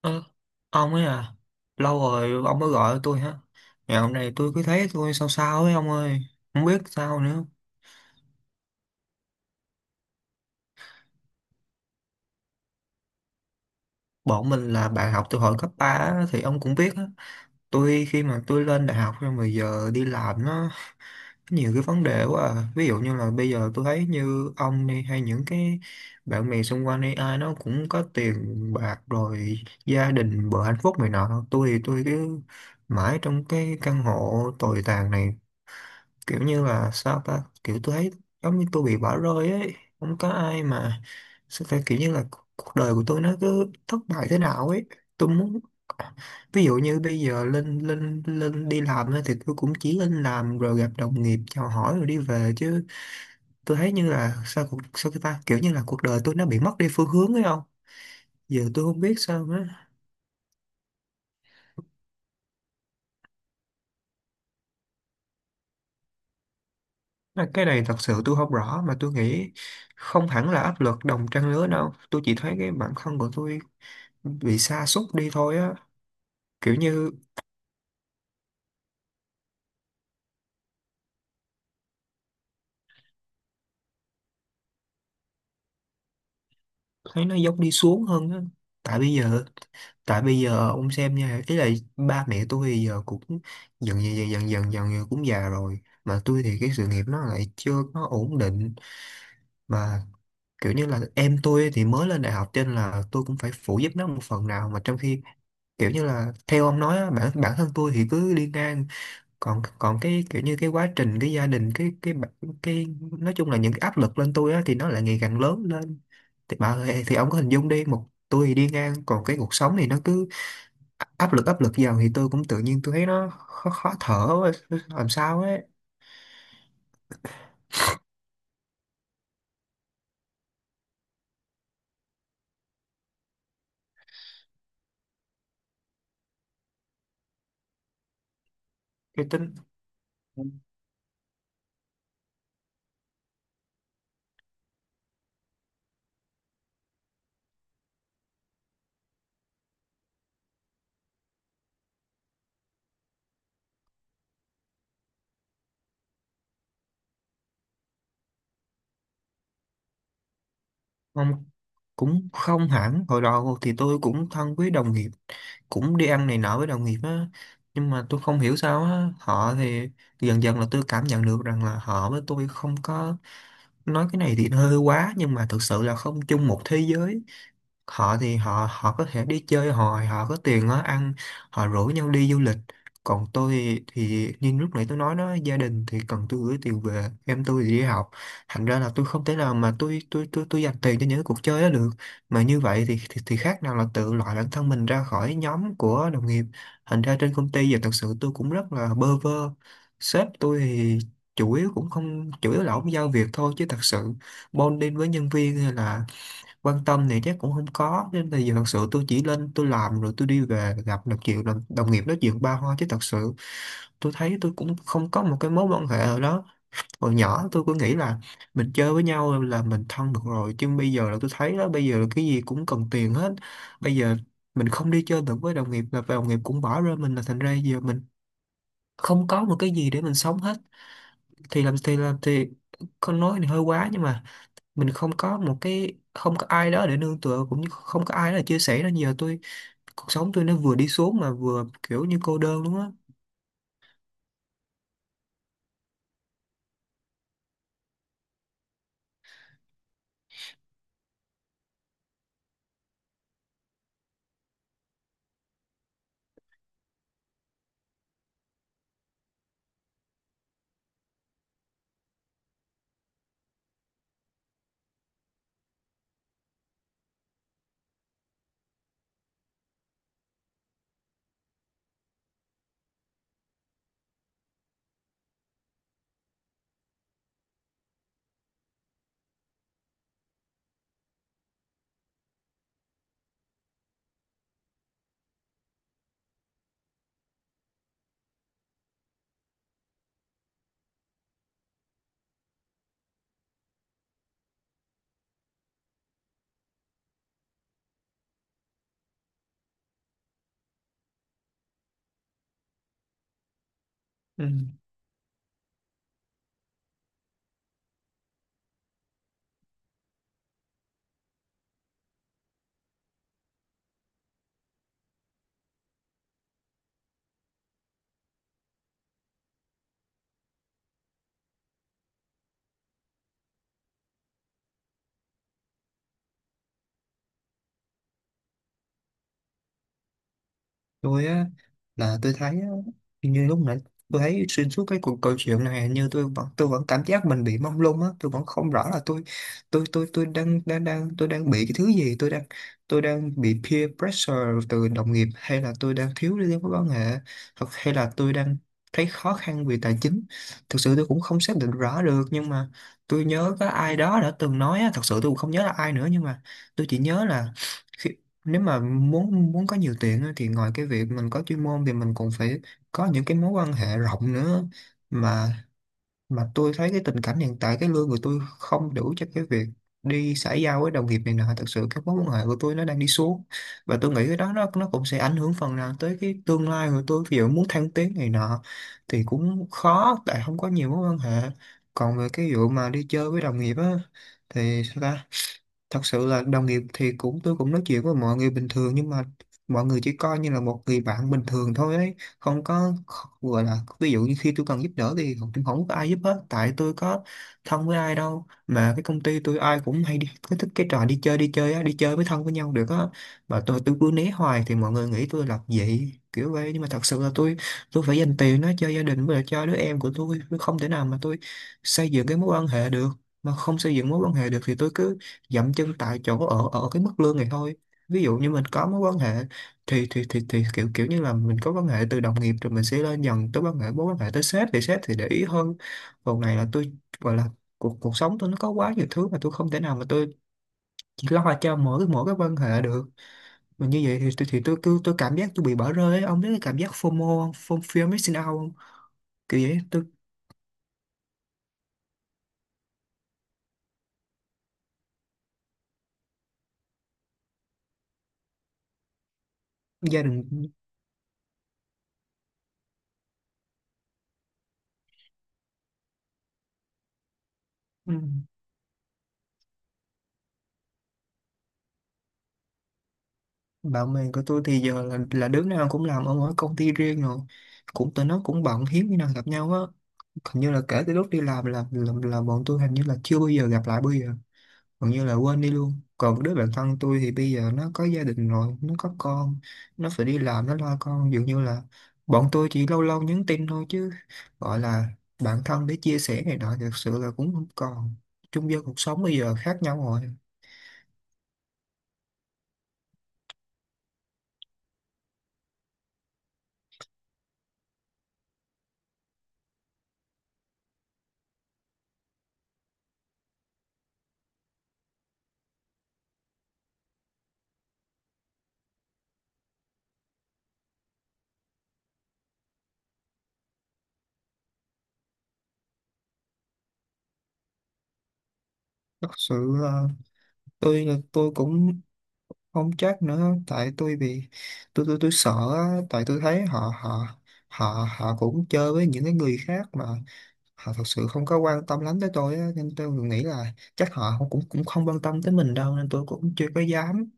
Ơ, ông ấy à, lâu rồi ông mới gọi tôi hả? Ngày hôm nay tôi cứ thấy tôi sao sao ấy ông ơi, không biết sao nữa. Bọn mình là bạn học từ hồi cấp 3 á, thì ông cũng biết á. Tôi khi mà tôi lên đại học rồi mà giờ đi làm nó nhiều cái vấn đề quá à. Ví dụ như là bây giờ tôi thấy như ông đi hay những cái bạn bè xung quanh đi ai nó cũng có tiền bạc rồi gia đình bữa hạnh phúc này nọ, tôi thì tôi cứ mãi trong cái căn hộ tồi tàn này, kiểu như là sao ta, kiểu tôi thấy giống như tôi bị bỏ rơi ấy, không có ai mà sao ta, kiểu như là cuộc đời của tôi nó cứ thất bại thế nào ấy. Tôi muốn, ví dụ như bây giờ lên lên lên đi làm ấy, thì tôi cũng chỉ lên làm rồi gặp đồng nghiệp chào hỏi rồi đi về chứ. Tôi thấy như là sao cuộc sao cái ta, kiểu như là cuộc đời tôi nó bị mất đi phương hướng ấy không? Giờ tôi không biết sao nữa. Mà cái này thật sự tôi không rõ, mà tôi nghĩ không hẳn là áp lực đồng trang lứa đâu, tôi chỉ thấy cái bản thân của tôi bị sa sút đi thôi á, kiểu như thấy nó giống đi xuống hơn á. Tại bây giờ, tại bây giờ ông xem nha, ý là ba mẹ tôi thì giờ cũng dần dần dần dần dần dần, cũng già rồi, mà tôi thì cái sự nghiệp nó lại chưa có ổn định, mà kiểu như là em tôi thì mới lên đại học cho nên là tôi cũng phải phụ giúp nó một phần nào, mà trong khi kiểu như là theo ông nói á, bản bản thân tôi thì cứ đi ngang, còn còn cái kiểu như cái quá trình cái gia đình cái, nói chung là những cái áp lực lên tôi á thì nó lại ngày càng lớn lên. Thì bà ơi, thì ông có hình dung đi, một tôi thì đi ngang còn cái cuộc sống thì nó cứ áp lực vào, thì tôi cũng tự nhiên tôi thấy nó khó, khó thở quá, làm sao ấy. Tôi tin ông. Cũng không hẳn, hồi đầu thì tôi cũng thân với đồng nghiệp, cũng đi ăn này nọ với đồng nghiệp á. Nhưng mà tôi không hiểu sao á, họ thì dần dần là tôi cảm nhận được rằng là họ với tôi không có, nói cái này thì nó hơi quá nhưng mà thực sự là không chung một thế giới. Họ thì họ họ có thể đi chơi, họ họ có tiền á, ăn họ rủ nhau đi du lịch. Còn tôi thì như lúc nãy tôi nói đó, gia đình thì cần tôi gửi tiền về, em tôi thì đi học, thành ra là tôi không thể nào mà tôi dành tiền cho những cái cuộc chơi đó được. Mà như vậy thì khác nào là tự loại bản thân mình ra khỏi nhóm của đồng nghiệp. Thành ra trên công ty giờ thật sự tôi cũng rất là bơ vơ. Sếp tôi thì chủ yếu cũng không, chủ yếu là ổng giao việc thôi chứ thật sự bonding với nhân viên hay là quan tâm thì chắc cũng không có, nên bây giờ thật sự tôi chỉ lên tôi làm rồi tôi đi về, gặp được chuyện đồng, đồng nghiệp nói chuyện ba hoa chứ thật sự tôi thấy tôi cũng không có một cái mối quan hệ nào đó. Hồi nhỏ tôi cứ nghĩ là mình chơi với nhau là mình thân được rồi, chứ bây giờ là tôi thấy đó, bây giờ là cái gì cũng cần tiền hết. Bây giờ mình không đi chơi được với đồng nghiệp là đồng nghiệp cũng bỏ rơi mình, là thành ra giờ mình không có một cái gì để mình sống hết. Thì làm thì làm thì, con nói thì hơi quá nhưng mà mình không có một cái, không có ai đó để nương tựa cũng như không có ai đó để chia sẻ, nên giờ tôi cuộc sống tôi nó vừa đi xuống mà vừa kiểu như cô đơn luôn á. Ừ. Tôi á, là tôi thấy á, như lúc nãy tôi thấy xuyên suốt cái cuộc câu chuyện này như tôi vẫn cảm giác mình bị mông lung á, tôi vẫn không rõ là tôi, tôi đang đang đang tôi đang bị cái thứ gì, tôi đang, tôi đang bị peer pressure từ đồng nghiệp, hay là tôi đang thiếu liên mối quan hệ, hoặc hay là tôi đang thấy khó khăn về tài chính. Thực sự tôi cũng không xác định rõ được, nhưng mà tôi nhớ có ai đó đã từng nói á, thật sự tôi cũng không nhớ là ai nữa, nhưng mà tôi chỉ nhớ là khi- nếu mà muốn muốn có nhiều tiền á, thì ngoài cái việc mình có chuyên môn thì mình còn phải có những cái mối quan hệ rộng nữa. Mà mà tôi thấy cái tình cảnh hiện tại cái lương của tôi không đủ cho cái việc đi xã giao với đồng nghiệp này nọ, thật sự cái mối quan hệ của tôi nó đang đi xuống. Và tôi nghĩ cái đó nó cũng sẽ ảnh hưởng phần nào tới cái tương lai của tôi, ví dụ muốn thăng tiến này nọ thì cũng khó tại không có nhiều mối quan hệ. Còn về cái vụ mà đi chơi với đồng nghiệp á, thì sao ta? Thật sự là đồng nghiệp thì cũng, tôi cũng nói chuyện với mọi người bình thường, nhưng mà mọi người chỉ coi như là một người bạn bình thường thôi ấy, không có, gọi là ví dụ như khi tôi cần giúp đỡ thì không, không có ai giúp hết, tại tôi có thân với ai đâu, mà cái công ty tôi ai cũng hay đi cái, thích cái trò đi chơi, đi chơi á, đi chơi với, thân với nhau được á. Mà tôi cứ né hoài thì mọi người nghĩ tôi lập dị kiểu vậy, nhưng mà thật sự là tôi phải dành tiền nó cho gia đình với lại cho đứa em của tôi không thể nào mà tôi xây dựng cái mối quan hệ được. Mà không xây dựng mối quan hệ được thì tôi cứ dậm chân tại chỗ ở ở cái mức lương này thôi. Ví dụ như mình có mối quan hệ thì kiểu kiểu như là mình có quan hệ từ đồng nghiệp rồi mình sẽ lên dần tới quan hệ mối quan hệ tới sếp thì để ý hơn. Còn này là tôi gọi là cuộc cuộc sống tôi nó có quá nhiều thứ mà tôi không thể nào mà tôi chỉ lo cho mỗi mỗi cái quan hệ được. Mà như vậy thì tôi cứ tôi cảm giác tôi bị bỏ rơi ấy. Ông biết cái cảm giác FOMO không? Form fear missing out không, kiểu vậy. Tôi gia đình, ừ. Bạn bè của tôi thì giờ là đứa nào cũng làm ở mỗi công ty riêng rồi, cũng tụi nó cũng bận, hiếm khi nào gặp nhau á. Hình như là kể từ lúc đi làm là, là bọn tôi hình như là chưa bao giờ gặp lại, bây giờ gần như là quên đi luôn. Còn đứa bạn thân tôi thì bây giờ nó có gia đình rồi, nó có con, nó phải đi làm, nó lo con, dường như là bọn tôi chỉ lâu lâu nhắn tin thôi, chứ gọi là bạn thân để chia sẻ này nọ thực sự là cũng không còn chung vô, cuộc sống bây giờ khác nhau rồi. Thật sự là tôi tôi cũng không chắc nữa, tại tôi bị, tôi tôi sợ á, tại tôi thấy họ họ cũng chơi với những cái người khác mà, họ thật sự không có quan tâm lắm tới tôi á, nên tôi nghĩ là chắc họ không- cũng cũng không quan tâm tới mình đâu, nên tôi cũng chưa có dám.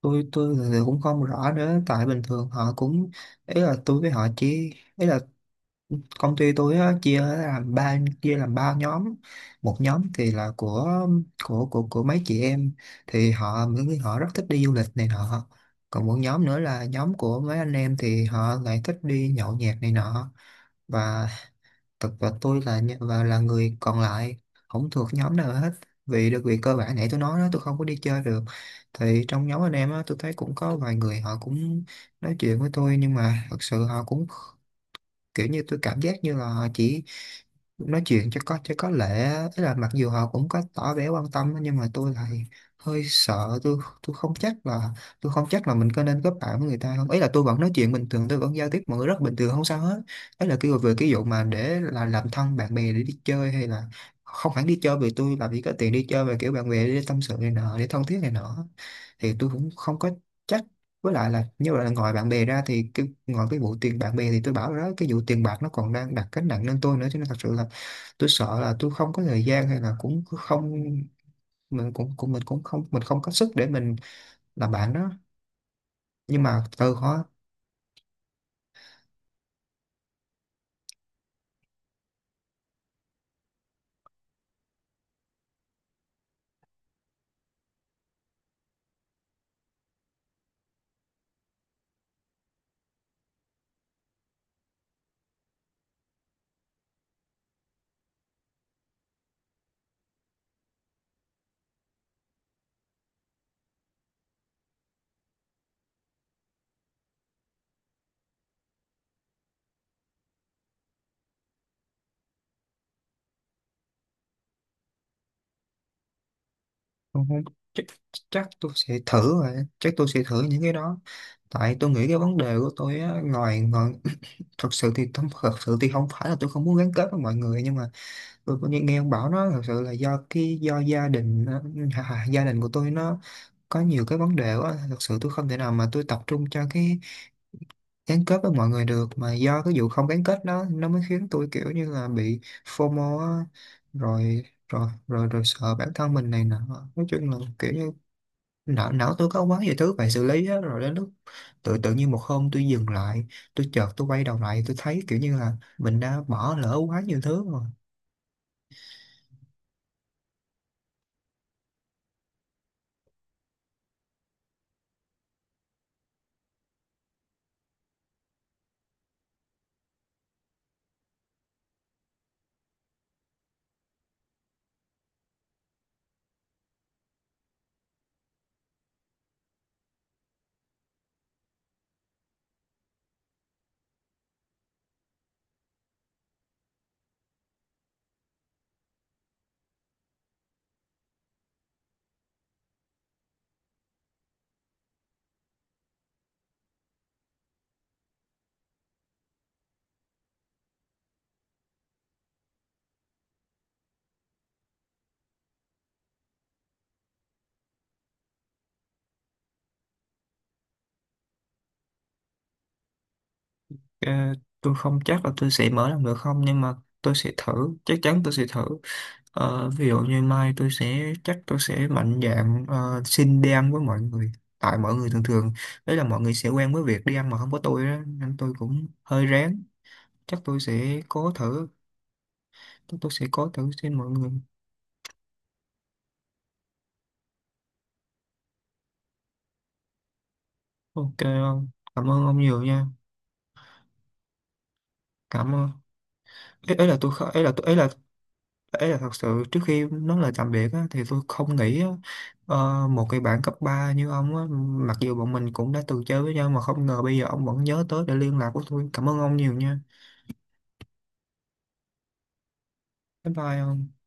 Tôi thực cũng không rõ nữa, tại bình thường họ cũng, ý là tôi với họ chỉ, ý là công ty tôi á, chia làm ba nhóm. Một nhóm thì là của mấy chị em thì họ, họ rất thích đi du lịch này nọ. Còn một nhóm nữa là nhóm của mấy anh em thì họ lại thích đi nhậu nhẹt này nọ. Và thực tôi là nh- và là người còn lại, không thuộc nhóm nào hết. Vì được việc cơ bản nãy tôi nói đó, tôi không có đi chơi được. Thì trong nhóm anh em á, tôi thấy cũng có vài người họ cũng nói chuyện với tôi, nhưng mà thật sự họ cũng kiểu như tôi cảm giác như là họ chỉ nói chuyện cho có, cho có lệ á. Tức là mặc dù họ cũng có tỏ vẻ quan tâm á, nhưng mà tôi lại hơi sợ. Tôi không chắc là mình có nên kết bạn với người ta không. Ấy là tôi vẫn nói chuyện bình thường, tôi vẫn giao tiếp mọi người rất bình thường, không sao hết. Ấy là kêu về cái vụ mà để là làm thân bạn bè để đi chơi hay là không hẳn đi chơi, vì tôi làm gì có tiền đi chơi, mà kiểu bạn bè để tâm sự này nọ, để thân thiết này nọ thì tôi cũng không có chắc. Với lại là như vậy, là ngoài bạn bè ra thì ngoài cái vụ tiền bạn bè, thì tôi bảo rồi đó, cái vụ tiền bạc nó còn đang đặt gánh nặng lên tôi nữa, cho nên thật sự là tôi sợ là tôi không có thời gian, hay là cũng không, mình cũng không, mình không có sức để mình làm bạn đó. Nhưng mà từ khó. Không, không, chắc, chắc tôi sẽ thử, rồi chắc tôi sẽ thử những cái đó. Tại tôi nghĩ cái vấn đề của tôi á, ngoài ngoài thật sự thì không phải là tôi không muốn gắn kết với mọi người, nhưng mà tôi có nghe ông bảo nó thật sự là do do gia đình ờ, gia đình của tôi nó có nhiều cái vấn đề quá, thật sự tôi không thể nào mà tôi tập trung cho cái gắn kết với mọi người được. Mà do cái vụ không gắn kết đó nó mới khiến tôi kiểu như là bị FOMO á. Rồi, rồi sợ bản thân mình này nọ. Nói chung là kiểu như não não tôi có quá nhiều thứ phải xử lý á. Rồi đến lúc tự tự nhiên một hôm tôi dừng lại, tôi chợt tôi quay đầu lại, tôi thấy kiểu như là mình đã bỏ lỡ quá nhiều thứ. Ờ, tôi không chắc là tôi sẽ mở làm được không, nhưng mà tôi sẽ thử, chắc chắn tôi sẽ thử. Ờ, ví dụ như mai tôi sẽ chắc tôi sẽ mạnh dạn, xin đi ăn với mọi người. Tại mọi người thường thường, đấy là mọi người sẽ quen với việc đi ăn mà không có tôi đó, nên tôi cũng hơi rén. Chắc tôi sẽ cố thử, chắc tôi sẽ cố thử xin mọi người. Ok không, cảm ơn ông nhiều nha. Cảm ơn. Ấy, ấy là tôi kh- ấy là tôi ấy là thật sự trước khi nói lời tạm biệt á, thì tôi không nghĩ á, ờ, một cái bạn cấp 3 như ông á, mặc dù bọn mình cũng đã từng chơi với nhau, mà không ngờ bây giờ ông vẫn nhớ tới để liên lạc của tôi. Cảm ơn ông nhiều nha. Bye bye ông.